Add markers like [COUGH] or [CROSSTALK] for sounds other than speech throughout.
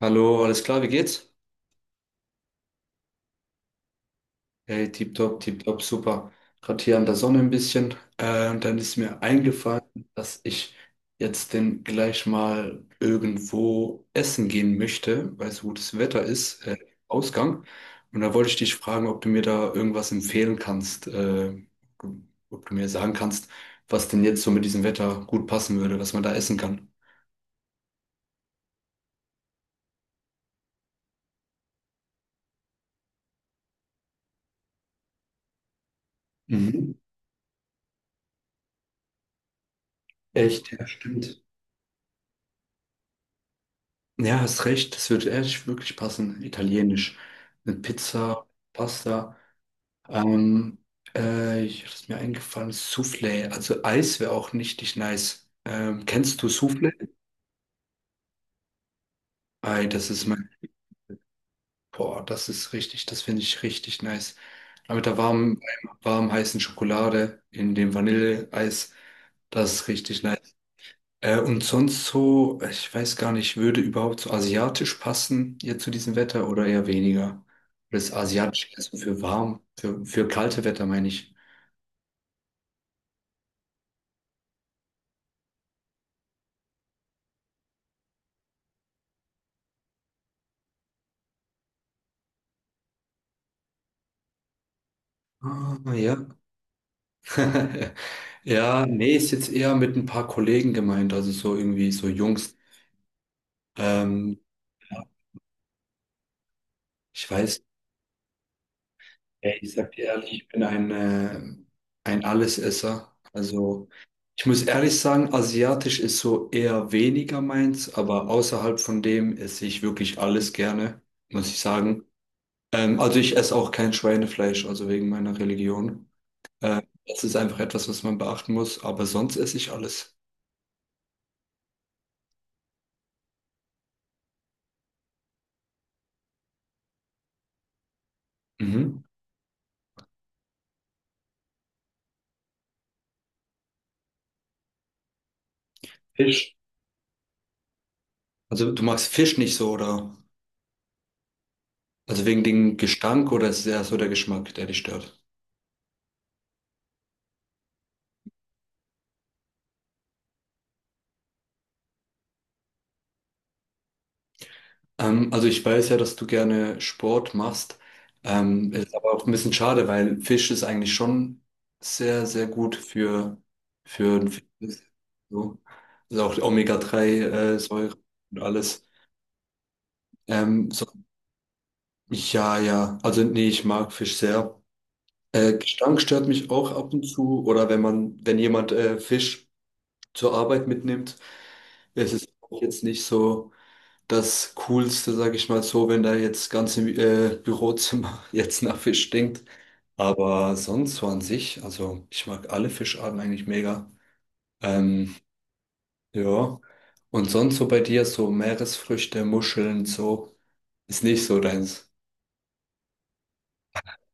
Hallo, alles klar, wie geht's? Hey, tipptopp, tipptopp, super. Gerade hier an der Sonne ein bisschen. Und dann ist mir eingefallen, dass ich jetzt denn gleich mal irgendwo essen gehen möchte, weil so gutes Wetter ist, Ausgang. Und da wollte ich dich fragen, ob du mir da irgendwas empfehlen kannst, ob du mir sagen kannst, was denn jetzt so mit diesem Wetter gut passen würde, was man da essen kann. Mhm. Echt, ja, stimmt. Ja, hast recht, das würde echt wirklich passen. Italienisch. Eine Pizza, Pasta. Ähm, ich ist mir eingefallen, Soufflé. Also Eis wäre auch richtig nice. Kennst du Soufflé? Ei, das ist mein. Boah, das ist richtig, das finde ich richtig nice. Aber mit der warm heißen Schokolade in dem Vanilleeis, das ist richtig nice. Und sonst so, ich weiß gar nicht, würde überhaupt so asiatisch passen jetzt zu diesem Wetter oder eher weniger? Oder ist asiatisch eher so für warm, für kalte Wetter meine ich. Ah, ja. [LAUGHS] Ja, nee, ist jetzt eher mit ein paar Kollegen gemeint, also so irgendwie so Jungs. Ähm, ja, ich weiß. Ja, ich sag dir ehrlich, ich bin ein Allesesser. Also ich muss ehrlich sagen, asiatisch ist so eher weniger meins, aber außerhalb von dem esse ich wirklich alles gerne, muss ich sagen. Also ich esse auch kein Schweinefleisch, also wegen meiner Religion. Das ist einfach etwas, was man beachten muss, aber sonst esse ich alles. Mhm. Fisch. Also du magst Fisch nicht so, oder? Also wegen dem Gestank oder ist es eher so der Geschmack, der dich stört? Also ich weiß ja, dass du gerne Sport machst. Mhm. Ist aber auch ein bisschen schade, weil Fisch ist eigentlich schon sehr, sehr gut für ein Fitness. So. Also auch die Omega-3-Säure und alles. So, ja, ja. Also nee, ich mag Fisch sehr. Gestank stört mich auch ab und zu. Oder wenn man, wenn jemand Fisch zur Arbeit mitnimmt, es ist auch jetzt nicht so das Coolste, sage ich mal so, wenn da jetzt ganze Bürozimmer [LAUGHS] jetzt nach Fisch stinkt. Aber sonst so an sich, also ich mag alle Fischarten eigentlich mega. Ähm, ja. Und sonst so bei dir, so Meeresfrüchte, Muscheln, so, ist nicht so deins.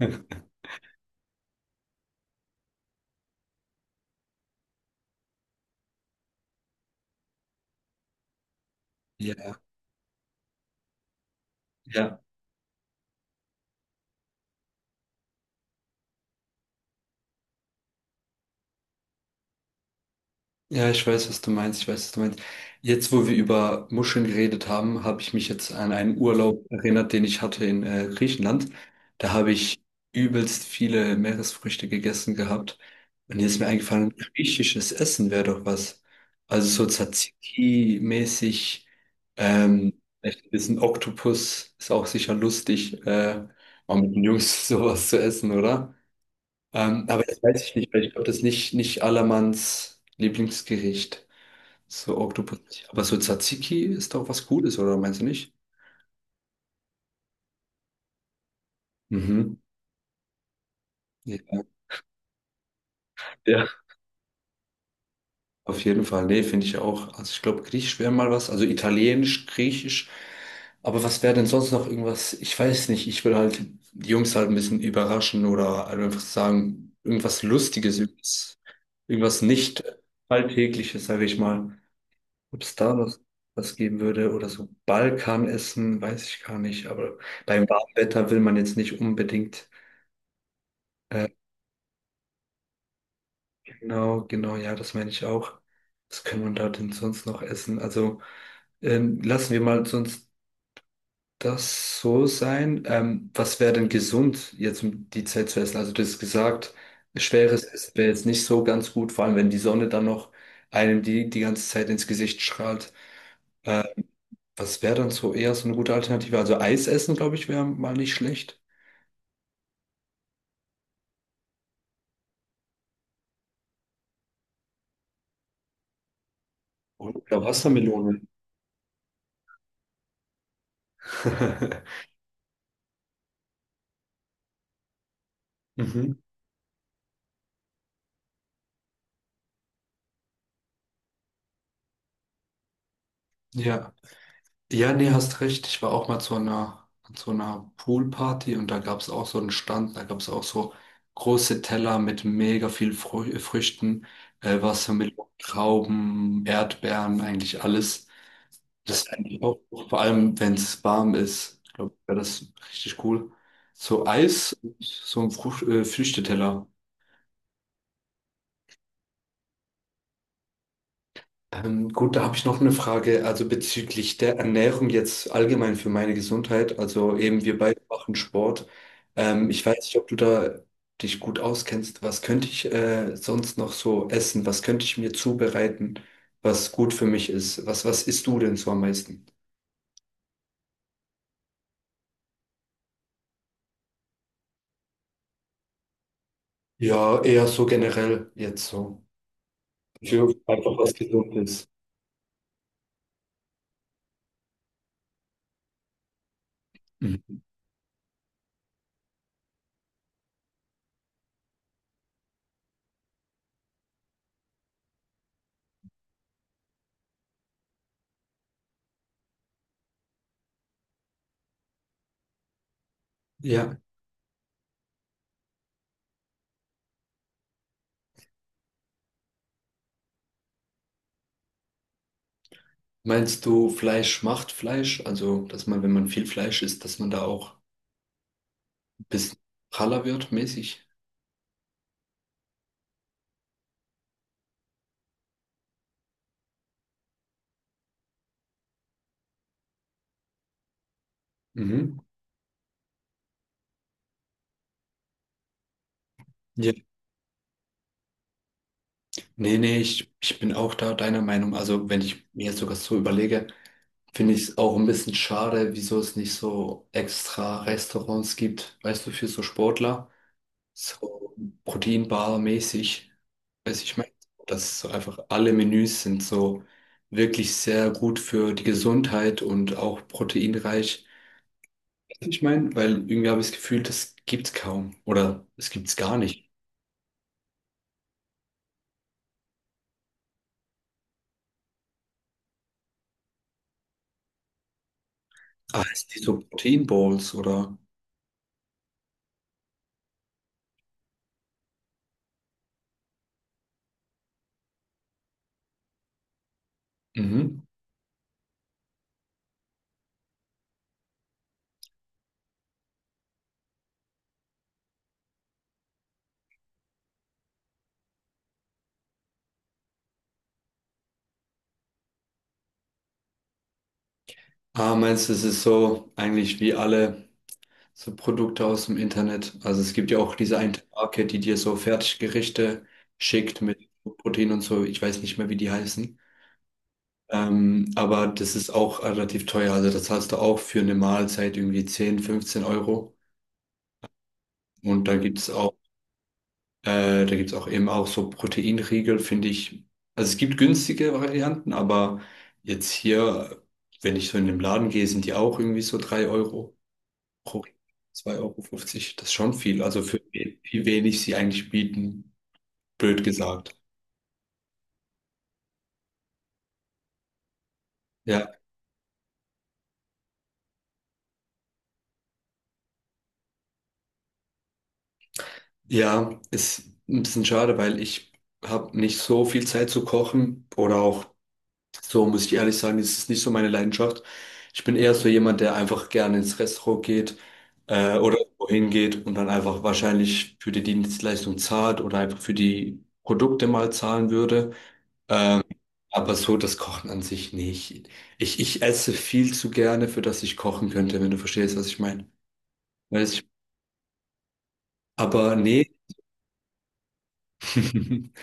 [LAUGHS] Ja, ja. Ja, ich weiß, was du meinst. Ich weiß, was du meinst. Jetzt, wo wir über Muscheln geredet haben, habe ich mich jetzt an einen Urlaub erinnert, den ich hatte in Griechenland. Da habe ich übelst viele Meeresfrüchte gegessen gehabt. Und jetzt ist mir eingefallen, griechisches Essen wäre doch was. Also so Tzatziki-mäßig, vielleicht ein bisschen Oktopus ist auch sicher lustig, mal mit den Jungs [LAUGHS] sowas zu essen, oder? Aber das weiß ich nicht, weil ich glaube, das ist nicht Allermanns Lieblingsgericht. So Oktopus. Aber so Tzatziki ist doch was Gutes, oder meinst du nicht? Mhm. Ja, ja. Auf jeden Fall. Nee, finde ich auch. Also ich glaube, Griechisch wäre mal was. Also Italienisch, Griechisch. Aber was wäre denn sonst noch irgendwas? Ich weiß nicht. Ich würde halt die Jungs halt ein bisschen überraschen oder halt einfach sagen, irgendwas Lustiges, irgendwas, irgendwas nicht Alltägliches, sage ich mal, ob es da was, was geben würde oder so Balkanessen, weiß ich gar nicht, aber beim warmen Wetter will man jetzt nicht unbedingt. Genau, genau, ja, das meine ich auch. Was kann man da denn sonst noch essen? Also lassen wir mal sonst das so sein. Was wäre denn gesund jetzt um die Zeit zu essen? Also du hast gesagt, schweres Essen wäre jetzt nicht so ganz gut, vor allem wenn die Sonne dann noch einem die, die ganze Zeit ins Gesicht strahlt. Was wäre dann so eher so eine gute Alternative? Also Eis essen, glaube ich, wäre mal nicht schlecht. Oder Wassermelone. [LAUGHS] Mhm. Ja. Ja, nee, hast recht. Ich war auch mal zu einer Poolparty und da gab es auch so einen Stand, da gab es auch so große Teller mit mega viel Früchten, Wassermelonen, Trauben, Erdbeeren, eigentlich alles. Das fand ich auch, vor allem wenn es warm ist, glaube ich, wäre das richtig cool. So Eis und so ein Früchteteller. Gut, da habe ich noch eine Frage, also bezüglich der Ernährung jetzt allgemein für meine Gesundheit. Also eben wir beide machen Sport. Ich weiß nicht, ob du da dich gut auskennst. Was könnte ich sonst noch so essen? Was könnte ich mir zubereiten, was gut für mich ist? Was, was isst du denn so am meisten? Ja, eher so generell jetzt so. Für einfach was Gesundes. Mhm. Ja, meinst du, Fleisch macht Fleisch? Also, dass man, wenn man viel Fleisch isst, dass man da auch ein bisschen praller wird, mäßig? Mhm. Ja. Nee, nee, ich bin auch da deiner Meinung. Also, wenn ich mir jetzt sogar so überlege, finde ich es auch ein bisschen schade, wieso es nicht so extra Restaurants gibt, weißt du, für so Sportler, so Proteinbar-mäßig, weiß ich meine, dass so einfach alle Menüs sind so wirklich sehr gut für die Gesundheit und auch proteinreich. Ich meine, weil irgendwie habe ich das Gefühl, das gibt's kaum oder es gibt's gar nicht. Ah, es gibt so Protein Bowls oder. Mhm. Ah, meinst du, es ist so eigentlich wie alle so Produkte aus dem Internet? Also es gibt ja auch diese eine Marke, die dir so Fertiggerichte schickt mit Protein und so. Ich weiß nicht mehr, wie die heißen. Aber das ist auch relativ teuer. Also das zahlst du auch für eine Mahlzeit irgendwie 10, 15 Euro. Und da gibt's auch eben auch so Proteinriegel, finde ich. Also es gibt günstige Varianten, aber jetzt hier, wenn ich so in den Laden gehe, sind die auch irgendwie so 3 Euro. Euro, 2,50 Euro, fünfzig, das ist schon viel. Also für we- wie wenig sie eigentlich bieten, blöd gesagt. Ja, ja, ist ein bisschen schade, weil ich habe nicht so viel Zeit zu kochen oder auch so, muss ich ehrlich sagen, das ist nicht so meine Leidenschaft. Ich bin eher so jemand, der einfach gerne ins Restaurant geht oder wohin geht und dann einfach wahrscheinlich für die Dienstleistung zahlt oder einfach für die Produkte mal zahlen würde. Aber so das Kochen an sich nicht. Ich esse viel zu gerne, für das ich kochen könnte, wenn du verstehst, was ich meine. Weiß ich. Aber nee. [LAUGHS]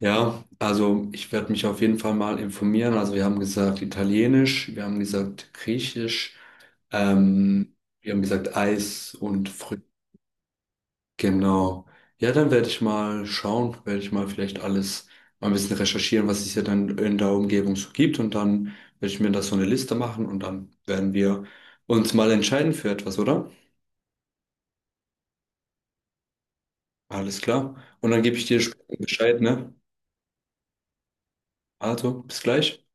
Ja, also ich werde mich auf jeden Fall mal informieren. Also wir haben gesagt Italienisch, wir haben gesagt Griechisch, ähm, wir haben gesagt Eis und Früchte. Genau. Ja, dann werde ich mal schauen, werde ich mal vielleicht alles mal ein bisschen recherchieren, was es hier dann in der Umgebung so gibt. Und dann werde ich mir da so eine Liste machen und dann werden wir uns mal entscheiden für etwas, oder? Alles klar. Und dann gebe ich dir später Bescheid, ne? Also, bis gleich.